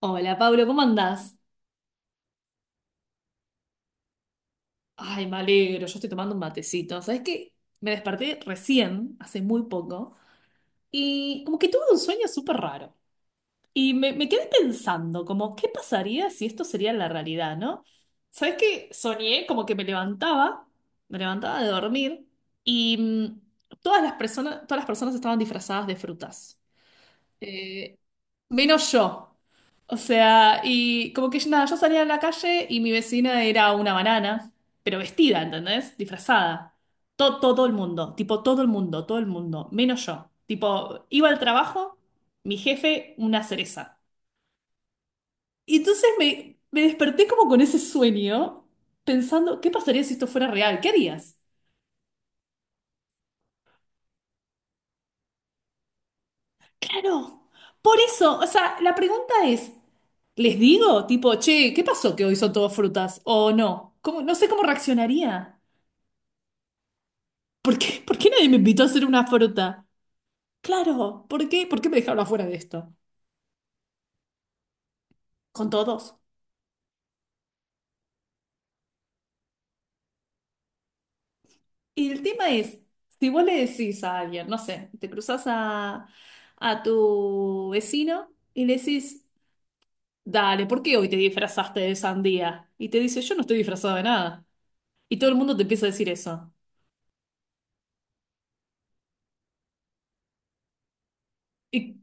Hola Pablo, ¿cómo andás? Ay, me alegro, yo estoy tomando un matecito. ¿Sabés qué? Me desperté recién, hace muy poco, y como que tuve un sueño súper raro. Y me quedé pensando, como, ¿qué pasaría si esto sería la realidad, no? ¿Sabés qué? Soñé como que me levantaba de dormir, y todas las personas estaban disfrazadas de frutas. Eh, menos yo. O sea, y como que nada, yo salía a la calle y mi vecina era una banana, pero vestida, ¿entendés? Disfrazada. Todo el mundo, tipo todo el mundo, menos yo. Tipo, iba al trabajo, mi jefe, una cereza. Y entonces me desperté como con ese sueño, pensando, ¿qué pasaría si esto fuera real? ¿Qué harías? Claro, por eso, o sea, la pregunta es, ¿les digo? Tipo, che, ¿qué pasó que hoy son todas frutas? ¿O no? No sé cómo reaccionaría. ¿Por qué nadie me invitó a hacer una fruta? Claro, ¿por qué? ¿Por qué me dejaron afuera de esto? Con todos. Y el tema es, si vos le decís a alguien, no sé, te cruzas a tu vecino y le decís, dale, ¿por qué hoy te disfrazaste de sandía? Y te dice, yo no estoy disfrazado de nada. Y todo el mundo te empieza a decir eso. Y,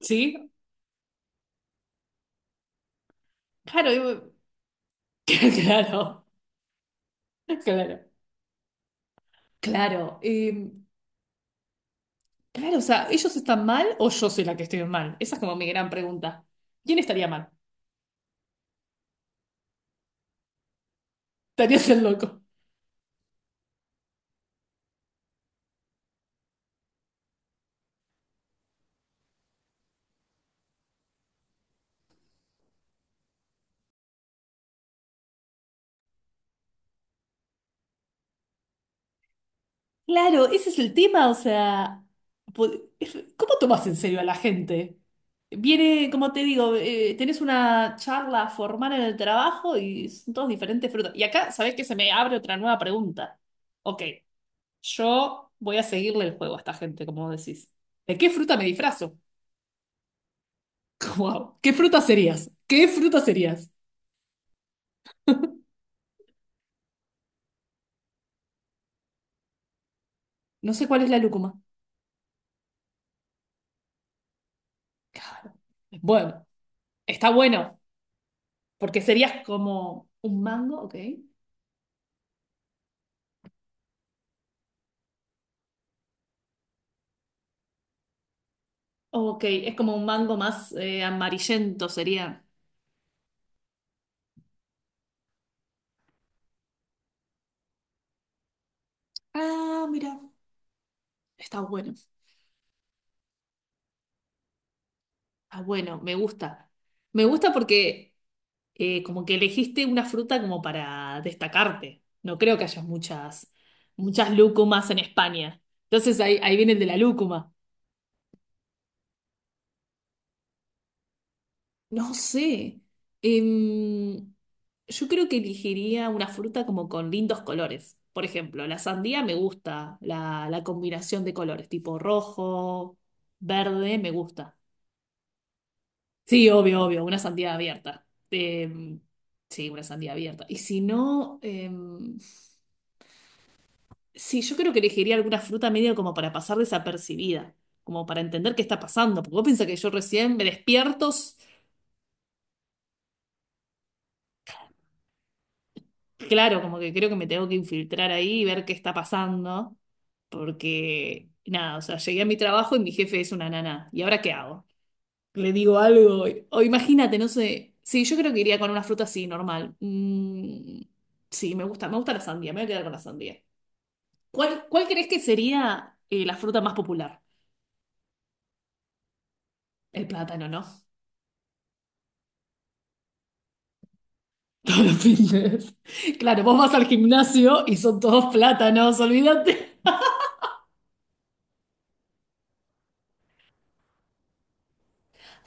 ¿Sí? Claro, claro, claro, claro. Claro, o sea, ¿ellos están mal o yo soy la que estoy mal? Esa es como mi gran pregunta. ¿Quién estaría mal? ¿Estarías el loco? Claro, ese es el tema, o sea, po- ¿cómo tomas en serio a la gente? Viene, como te digo, tenés una charla formal en el trabajo y son todos diferentes frutas. Y acá, ¿sabés que se me abre otra nueva pregunta? Ok, yo voy a seguirle el juego a esta gente, como decís. ¿De qué fruta me disfrazo? Wow, ¿qué fruta serías? ¿Qué fruta serías? No sé cuál es la lúcuma. Claro. Bueno, está bueno, porque serías como un mango, ok. Ok, es como un mango más amarillento, sería. Ah, mira, está bueno, está bueno, me gusta. Me gusta porque como que elegiste una fruta como para destacarte. No creo que haya muchas, muchas lúcumas en España. Entonces ahí viene el de la lúcuma. No sé. Em, yo creo que elegiría una fruta como con lindos colores. Por ejemplo, la sandía me gusta, la combinación de colores, tipo rojo, verde, me gusta. Sí, obvio, obvio, una sandía abierta. Em, sí, una sandía abierta. Y si no, em, sí, yo creo que elegiría alguna fruta medio como para pasar desapercibida, como para entender qué está pasando. Porque vos pensás que yo recién me despierto. Claro, como que creo que me tengo que infiltrar ahí y ver qué está pasando, porque nada, o sea, llegué a mi trabajo y mi jefe es una nana. ¿Y ahora qué hago? Le digo algo, o imagínate, no sé. Sí, yo creo que iría con una fruta así, normal. Mm, sí, me gusta la sandía, me voy a quedar con la sandía. ¿Cuál crees que sería la fruta más popular? El plátano, ¿no? Todos los fitness. Claro, vos vas al gimnasio y son todos plátanos, olvídate.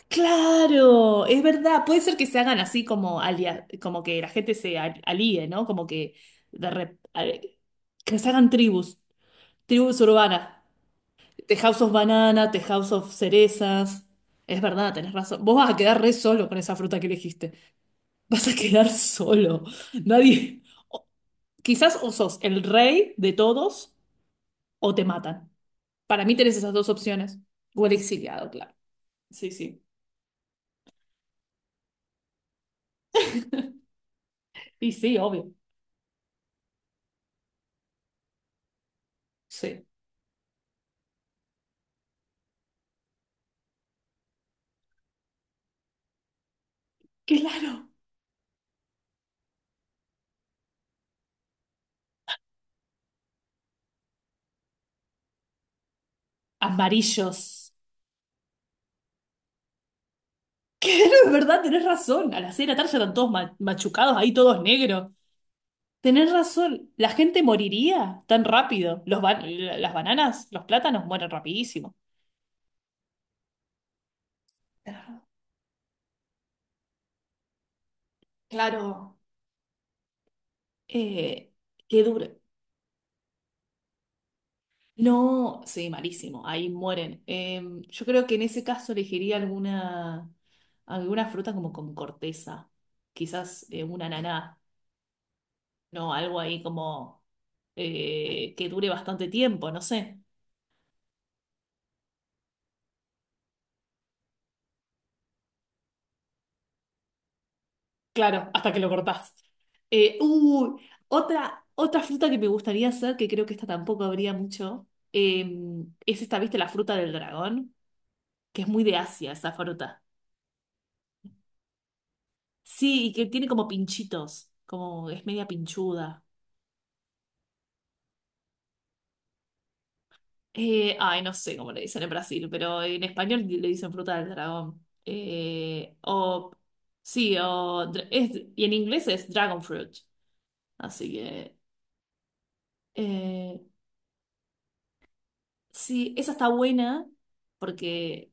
Claro, es verdad, puede ser que se hagan así como como que la gente se alíe, ¿no? Como que de re- a- que se hagan tribus, tribus urbanas, The House of Banana, The House of Cerezas. Es verdad, tenés razón. Vos vas a quedar re solo con esa fruta que elegiste. Vas a quedar solo. Nadie. o- quizás o sos el rey de todos o te matan. Para mí tenés esas dos opciones. O el exiliado, claro. Sí, sí. Y sí, obvio. Sí. Claro. Amarillos. Que no, es verdad, tenés razón. A las 6 de la tarde ya están todos machucados, ahí todos negros. Tenés razón, la gente moriría tan rápido. Las bananas, los plátanos mueren rapidísimo. Claro. Eh, qué duro. No, sí, malísimo, ahí mueren. Yo creo que en ese caso elegiría alguna fruta como con corteza, quizás un ananá, no, algo ahí como que dure bastante tiempo, no sé. Claro, hasta que lo cortás. Uy, otra fruta que me gustaría hacer, que creo que esta tampoco habría mucho, eh, es esta, ¿viste? La fruta del dragón, que es muy de Asia esa fruta. Sí, y que tiene como pinchitos, como es media pinchuda. Ay, no sé cómo le dicen en Brasil, pero en español le dicen fruta del dragón. O, sí, o, y en inglés es dragon fruit. Así que, eh, sí, esa está buena porque,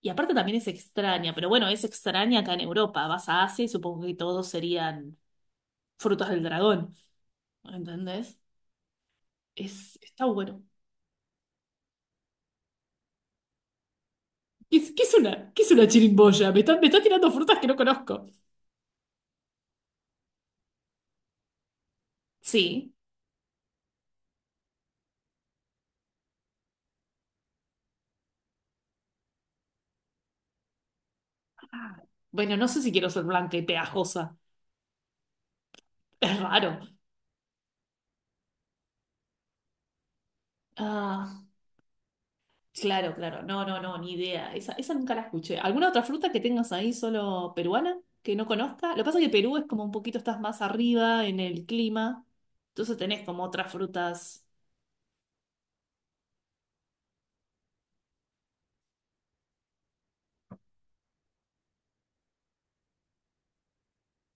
y aparte también es extraña, pero bueno, es extraña acá en Europa. Vas a Asia y supongo que todos serían frutas del dragón. ¿Entendés? Está bueno. ¿Qué es una chirimboya? Me está tirando frutas que no conozco. Sí. Ah, bueno, no sé si quiero ser blanca y pegajosa. Es raro. Ah, claro, claro. No, no, no, ni idea. Esa nunca la escuché. ¿Alguna otra fruta que tengas ahí solo peruana que no conozca? Lo que pasa es que Perú es como un poquito, estás más arriba en el clima. Entonces tenés como otras frutas.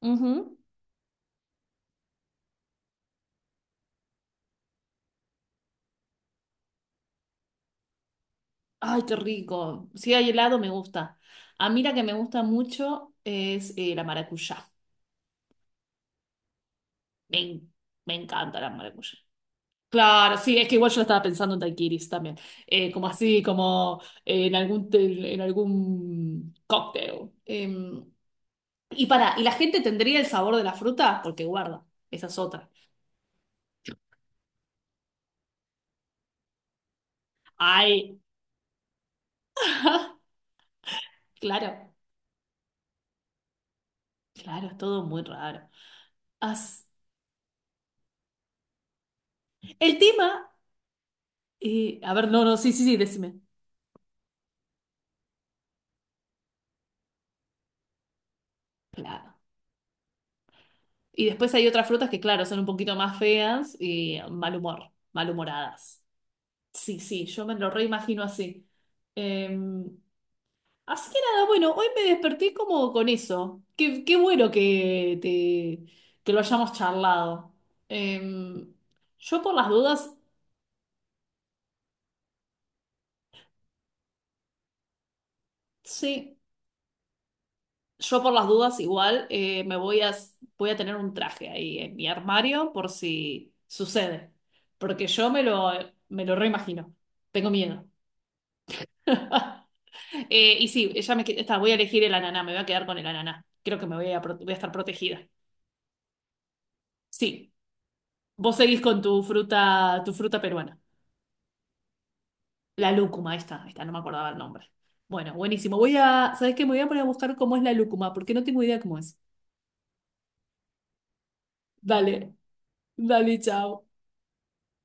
Ujú. Ay, qué rico. Si hay helado, me gusta. A mí la que me gusta mucho es la maracuyá. Me, en- me encanta la maracuyá. Claro, sí, es que igual yo la estaba pensando en daiquiris también. Como así, como en algún cóctel. ¿Y la gente tendría el sabor de la fruta? Porque guarda, esa es otra. Ay, claro, claro, es todo muy raro. As- El tema, a ver, no, no, sí, sí, sí, decime. Claro. Y después hay otras frutas que, claro, son un poquito más feas y mal humor, malhumoradas. Sí, sí, yo me lo reimagino así. Eh, así que nada, bueno, hoy me desperté como con eso. Qué bueno que lo hayamos charlado. Eh, yo por las dudas Sí, yo por las dudas igual voy a tener un traje ahí en mi armario por si sucede, porque yo me lo reimagino, tengo miedo. Y sí, ella me, que- está, voy a elegir el ananá, me voy a quedar con el ananá, creo que me voy a, pro- voy a estar protegida. Sí, vos seguís con tu fruta peruana, la lúcuma, ahí está, no me acordaba el nombre. Bueno, buenísimo, ¿sabés qué? Me voy a poner a buscar cómo es la lúcuma, porque no tengo idea cómo es. Dale, dale, chao.